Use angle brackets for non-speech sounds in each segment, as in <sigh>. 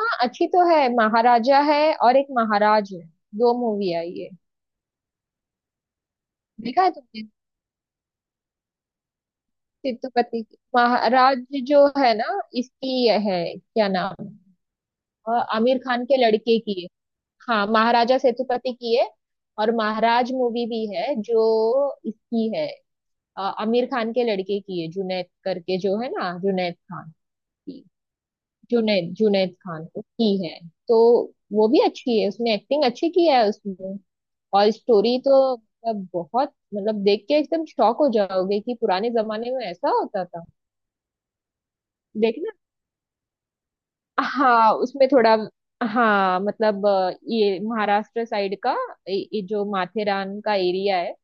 हाँ, अच्छी तो है। महाराजा है और एक महाराज है। दो मूवी आई है। देखा है तुमने? सेतुपति की महाराज जो है ना, इसकी ये है क्या नाम, आमिर खान के लड़के की है। हाँ, महाराजा सेतुपति की है और महाराज मूवी भी है जो इसकी है, आमिर खान के लड़के की है, जुनैद करके जो है ना, जुनैद खान की। जुनैद जुनैद खान को की है। तो वो भी अच्छी है, उसने एक्टिंग अच्छी की है उसमें। और स्टोरी तो मतलब बहुत, मतलब देख के एकदम शॉक हो जाओगे कि पुराने जमाने में ऐसा होता था। देखना। हाँ, उसमें थोड़ा। हाँ मतलब, ये महाराष्ट्र साइड का, ये जो माथेरान का एरिया है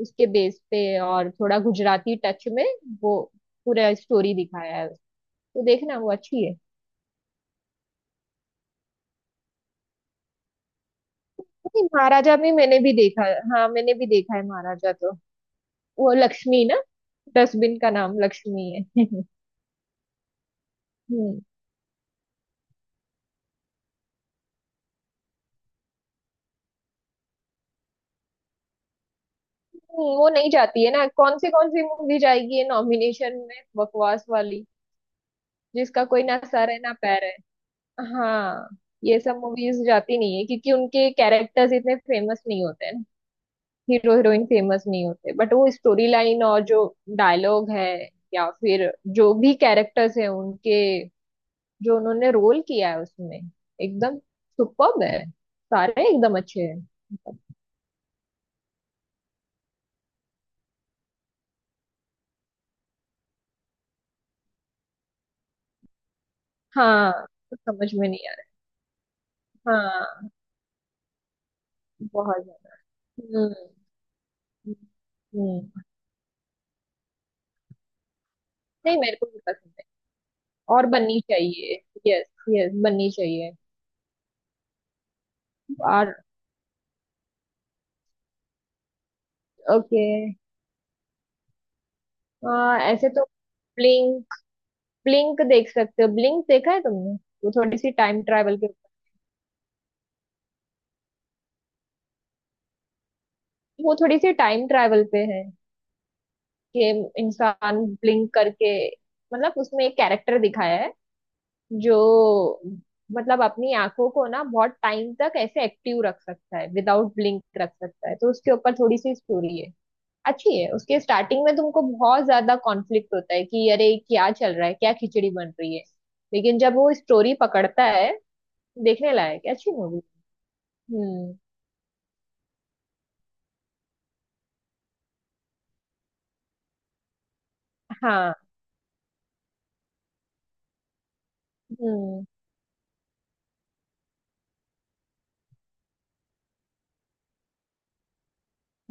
उसके बेस पे, और थोड़ा गुजराती टच में वो पूरा स्टोरी दिखाया है। तो देखना, वो अच्छी है। नहीं, महाराजा भी मैंने भी देखा है। हाँ, मैंने भी देखा है महाराजा तो। वो लक्ष्मी ना, डस्टबिन का नाम लक्ष्मी है। <laughs> हम्म। वो नहीं जाती है ना, कौन सी मूवी जाएगी ये नॉमिनेशन में, बकवास वाली जिसका कोई ना सर है ना पैर है। हाँ, ये सब मूवीज जाती नहीं है क्योंकि उनके कैरेक्टर्स इतने फेमस नहीं होते हैं। हीरो हीरोइन फेमस नहीं होते, बट वो स्टोरी लाइन और जो डायलॉग है या फिर जो भी कैरेक्टर्स है उनके, जो उन्होंने रोल किया है उसमें, एकदम सुपर्ब है। सारे एकदम अच्छे हैं मतलब। हाँ। समझ में नहीं आ रहा, हाँ। बहुत ज्यादा। हम्म हम्म हम्म। नहीं, मेरे को भी पसंद है। और बननी चाहिए। यस। यस, बननी चाहिए। और। ओके। ऐसे तो ब्लिंक, ब्लिंक देख सकते हो, ब्लिंक देखा है तुमने? वो थोड़ी सी टाइम ट्रैवल के ऊपर। वो थोड़ी सी टाइम ट्रैवल पे है कि इंसान ब्लिंक करके, मतलब उसमें एक कैरेक्टर दिखाया है जो, मतलब अपनी आंखों को ना बहुत टाइम तक ऐसे एक्टिव रख सकता है, विदाउट ब्लिंक रख सकता है। तो उसके ऊपर थोड़ी सी स्टोरी है। अच्छी है। उसके स्टार्टिंग में तुमको बहुत ज्यादा कॉन्फ्लिक्ट होता है कि अरे क्या चल रहा है, क्या खिचड़ी बन रही है। लेकिन जब वो स्टोरी पकड़ता है, देखने लायक है, अच्छी मूवी। हम्म। हाँ। हम्म।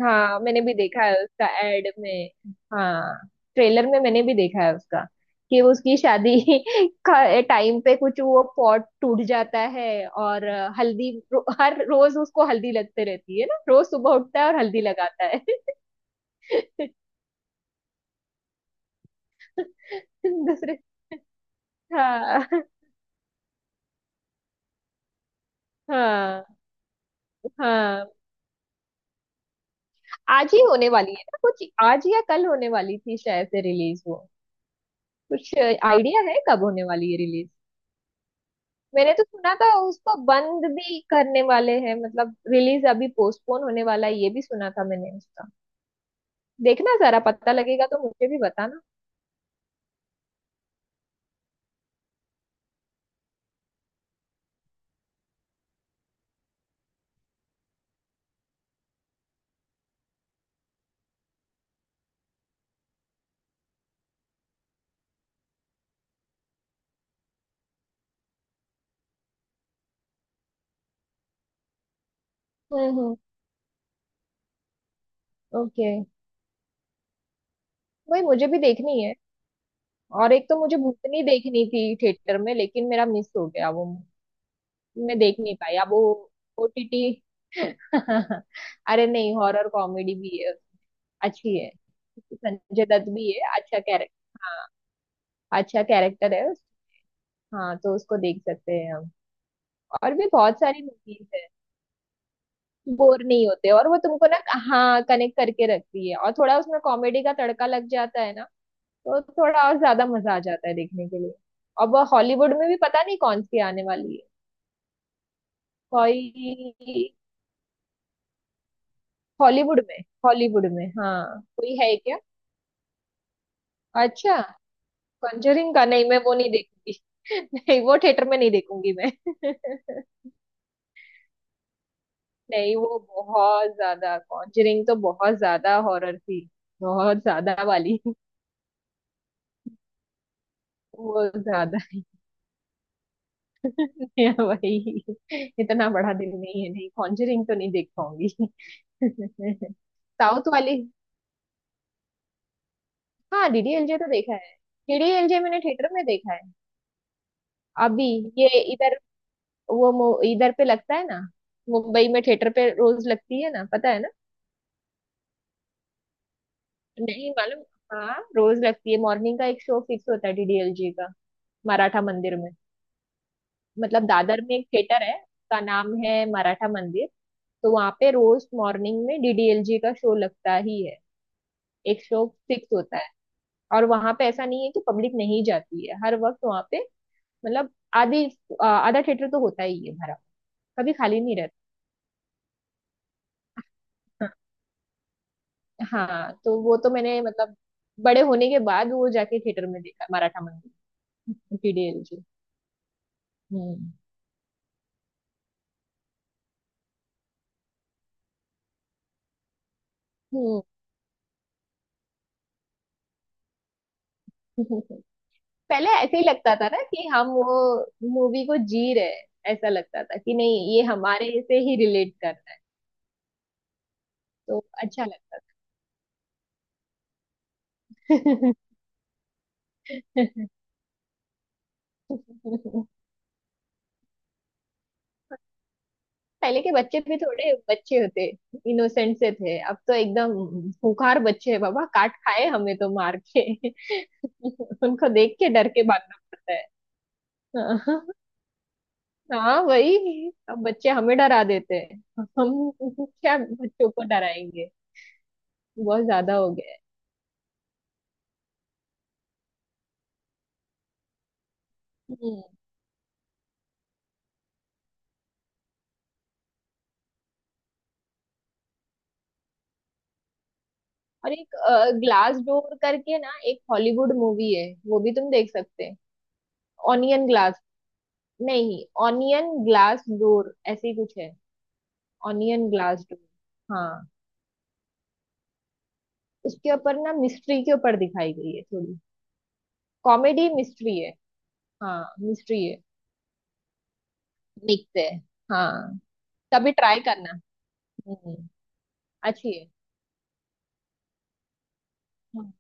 हाँ, मैंने भी देखा है उसका एड में। हाँ, ट्रेलर में मैंने भी देखा है उसका, कि उसकी शादी <laughs> का टाइम पे कुछ वो पॉट टूट जाता है और हर रोज उसको हल्दी लगते रहती है ना, रोज सुबह उठता है और हल्दी लगाता है। <laughs> दूसरे। हाँ हाँ हाँ। आज ही होने वाली है ना, कुछ आज या कल होने वाली थी शायद से रिलीज वो। कुछ आइडिया है कब होने वाली है? मैंने तो सुना था उसको बंद भी करने वाले हैं, मतलब रिलीज अभी पोस्टपोन होने वाला है, ये भी सुना था मैंने उसका। देखना जरा, पता लगेगा तो मुझे भी बताना। हम्म हम्म ओके। वही मुझे भी देखनी है। और एक तो मुझे भूतनी देखनी थी थिएटर में, लेकिन मेरा मिस हो गया वो, मैं देख नहीं पाई अब वो। ओटीटी। <laughs> अरे नहीं, हॉरर कॉमेडी भी है, अच्छी है। संजय दत्त भी है, अच्छा कैरेक्टर, हाँ। अच्छा कैरेक्टर है हाँ, तो उसको देख सकते हैं हम। और भी बहुत सारी मूवीज है। बोर नहीं होते, और वो तुमको ना, हाँ, कनेक्ट करके रखती है और थोड़ा उसमें कॉमेडी का तड़का लग जाता है ना, तो थोड़ा और ज्यादा मजा आ जाता है देखने के लिए। अब हॉलीवुड में भी पता नहीं कौन सी आने वाली है कोई। हॉलीवुड में, हॉलीवुड में हाँ कोई है क्या? अच्छा। कॉन्जरिंग का? नहीं, मैं वो नहीं देखूंगी। <laughs> नहीं, वो थिएटर में नहीं देखूंगी मैं। <laughs> नहीं, वो बहुत ज्यादा, कॉन्जरिंग तो बहुत ज्यादा हॉरर थी, बहुत ज्यादा वाली। <laughs> वो ज्यादा <laughs> है वही। इतना बड़ा दिल नहीं है, नहीं कॉन्जरिंग तो नहीं देख पाऊंगी। <laughs> साउथ वाली? हाँ, डीडीएलजे तो देखा है। डीडीएलजे मैंने थिएटर में देखा है। अभी, ये, इधर, इधर पे लगता है ना, मुंबई में थिएटर पे रोज लगती है ना, पता है ना? नहीं मालूम। हाँ, रोज लगती है, मॉर्निंग का एक शो फिक्स होता है डीडीएलजे का, मराठा मंदिर में। मतलब दादर में एक थिएटर है उसका नाम है मराठा मंदिर, तो वहाँ पे रोज मॉर्निंग में डीडीएलजे का शो लगता ही है। एक शो फिक्स होता है। और वहाँ पे ऐसा नहीं है कि पब्लिक नहीं जाती है, हर वक्त वहाँ पे, मतलब आधी, आधा थिएटर तो होता ही है भरा, कभी खाली नहीं रहता। हाँ हाँ, तो वो तो मैंने मतलब बड़े होने के बाद वो जाके थिएटर में देखा, मराठा मंदिर, डीडीएलजे। हम्म। हम्म। <laughs> पहले ऐसे ही लगता था ना कि हम वो मूवी को जी रहे हैं, ऐसा लगता था कि नहीं ये हमारे से ही रिलेट कर रहा है, तो अच्छा लगता था। <laughs> पहले के बच्चे भी थोड़े बच्चे होते, इनोसेंट से थे, अब तो एकदम खूंखार बच्चे हैं, बाबा काट खाए हमें तो, मार के। <laughs> उनको देख के डर के भागना पड़ता है। <laughs> हाँ हाँ, वही अब बच्चे हमें डरा देते हैं, हम क्या बच्चों को डराएंगे। बहुत ज्यादा हो गया है। और एक ग्लास डोर करके ना एक हॉलीवुड मूवी है, वो भी तुम देख सकते हैं। ऑनियन ग्लास, नहीं, ऑनियन ग्लास डोर ऐसे ही कुछ है, ऑनियन ग्लास डोर। हाँ, उसके ऊपर ना मिस्ट्री के ऊपर दिखाई गई है थोड़ी, कॉमेडी मिस्ट्री है, हाँ, मिस्ट्री है। मिक्स है। हाँ, कभी ट्राई करना। हम्म। अच्छी है। हाँ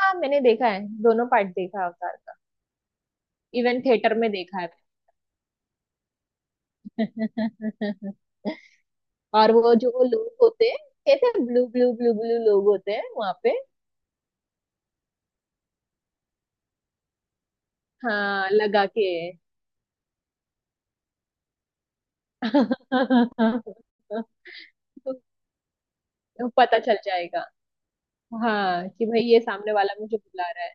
हाँ, मैंने देखा है, दोनों पार्ट देखा है अवतार का। इवन थिएटर में देखा है। <laughs> और वो जो वो लोग होते हैं, कहते हैं, ब्लू ब्लू ब्लू ब्लू लोग होते हैं वहां पे। हाँ, लगा के। <laughs> तो पता चल जाएगा, हाँ, कि भाई ये सामने वाला मुझे बुला रहा है।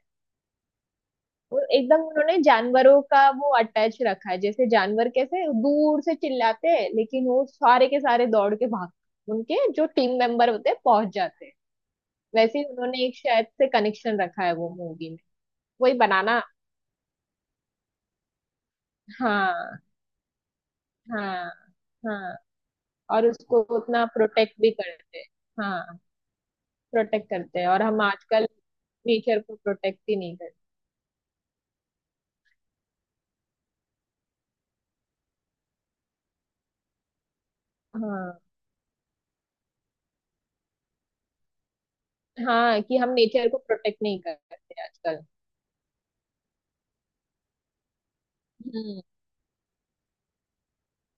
और एकदम उन्होंने जानवरों का वो अटैच रखा है, जैसे जानवर कैसे दूर से चिल्लाते हैं, लेकिन वो सारे के सारे दौड़ के भाग, उनके जो टीम मेंबर होते हैं, पहुंच जाते हैं। वैसे ही उन्होंने एक शायद से कनेक्शन रखा है वो मूवी में, वही बनाना। हाँ। हाँ। हाँ। और उसको उतना प्रोटेक्ट भी करते हैं। हाँ, प्रोटेक्ट करते हैं, और हम आजकल नेचर को प्रोटेक्ट ही नहीं करते। हाँ। हाँ, कि हम नेचर को प्रोटेक्ट नहीं करते आजकल। हम्म।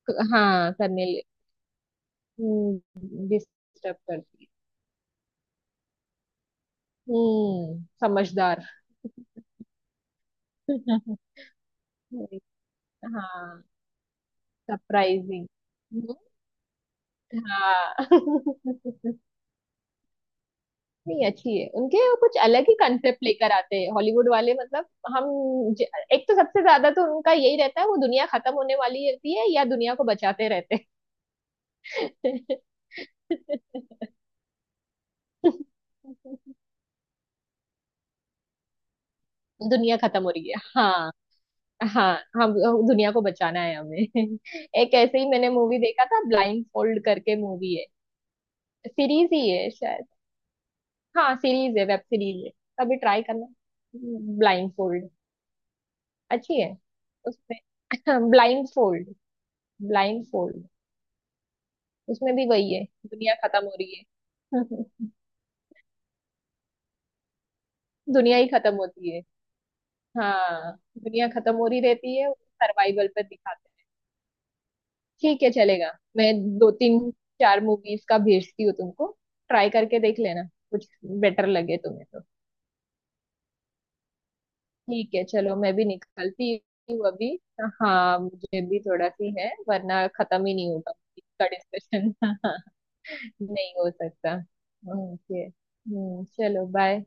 क- हाँ, करने ले। हम्म, डिस्टर्ब करती है। हम्म, समझदार। <laughs> हाँ, सरप्राइजिंग। हाँ। <laughs> नहीं, अच्छी है उनके, वो कुछ अलग ही कंसेप्ट लेकर आते हैं हॉलीवुड वाले, मतलब। हम। ज-। एक तो सबसे ज्यादा तो उनका यही रहता है, वो दुनिया खत्म होने वाली रहती है या दुनिया को बचाते रहते हैं। <laughs> दुनिया खत्म हो रही है, हाँ। हाँ। हम। दुनिया को बचाना है हमें। <laughs> एक ऐसे ही मैंने मूवी देखा था, ब्लाइंड फोल्ड करके मूवी है, सीरीज ही है शायद, हाँ सीरीज है, वेब सीरीज है। कभी ट्राई करना, ब्लाइंड फोल्ड। अच्छी है। उसमें <laughs> ब्लाइंड फोल्ड, ब्लाइंड। <laughs> उसमें भी वही है, दुनिया खत्म हो रही है। <laughs> दुनिया ही खत्म होती है। हाँ, दुनिया खत्म हो रही रहती है, सर्वाइवल पर दिखाते हैं। ठीक है, चलेगा, मैं 2, 3, 4 मूवीज का भेजती हूँ तुमको, ट्राई करके देख लेना, कुछ बेटर लगे तुम्हें तो। ठीक है, चलो मैं भी निकलती हूँ अभी। हाँ, मुझे भी थोड़ा सी है, वरना खत्म ही नहीं होगा इसका डिस्कशन। <laughs> नहीं हो सकता। ओके। हम्म, चलो बाय।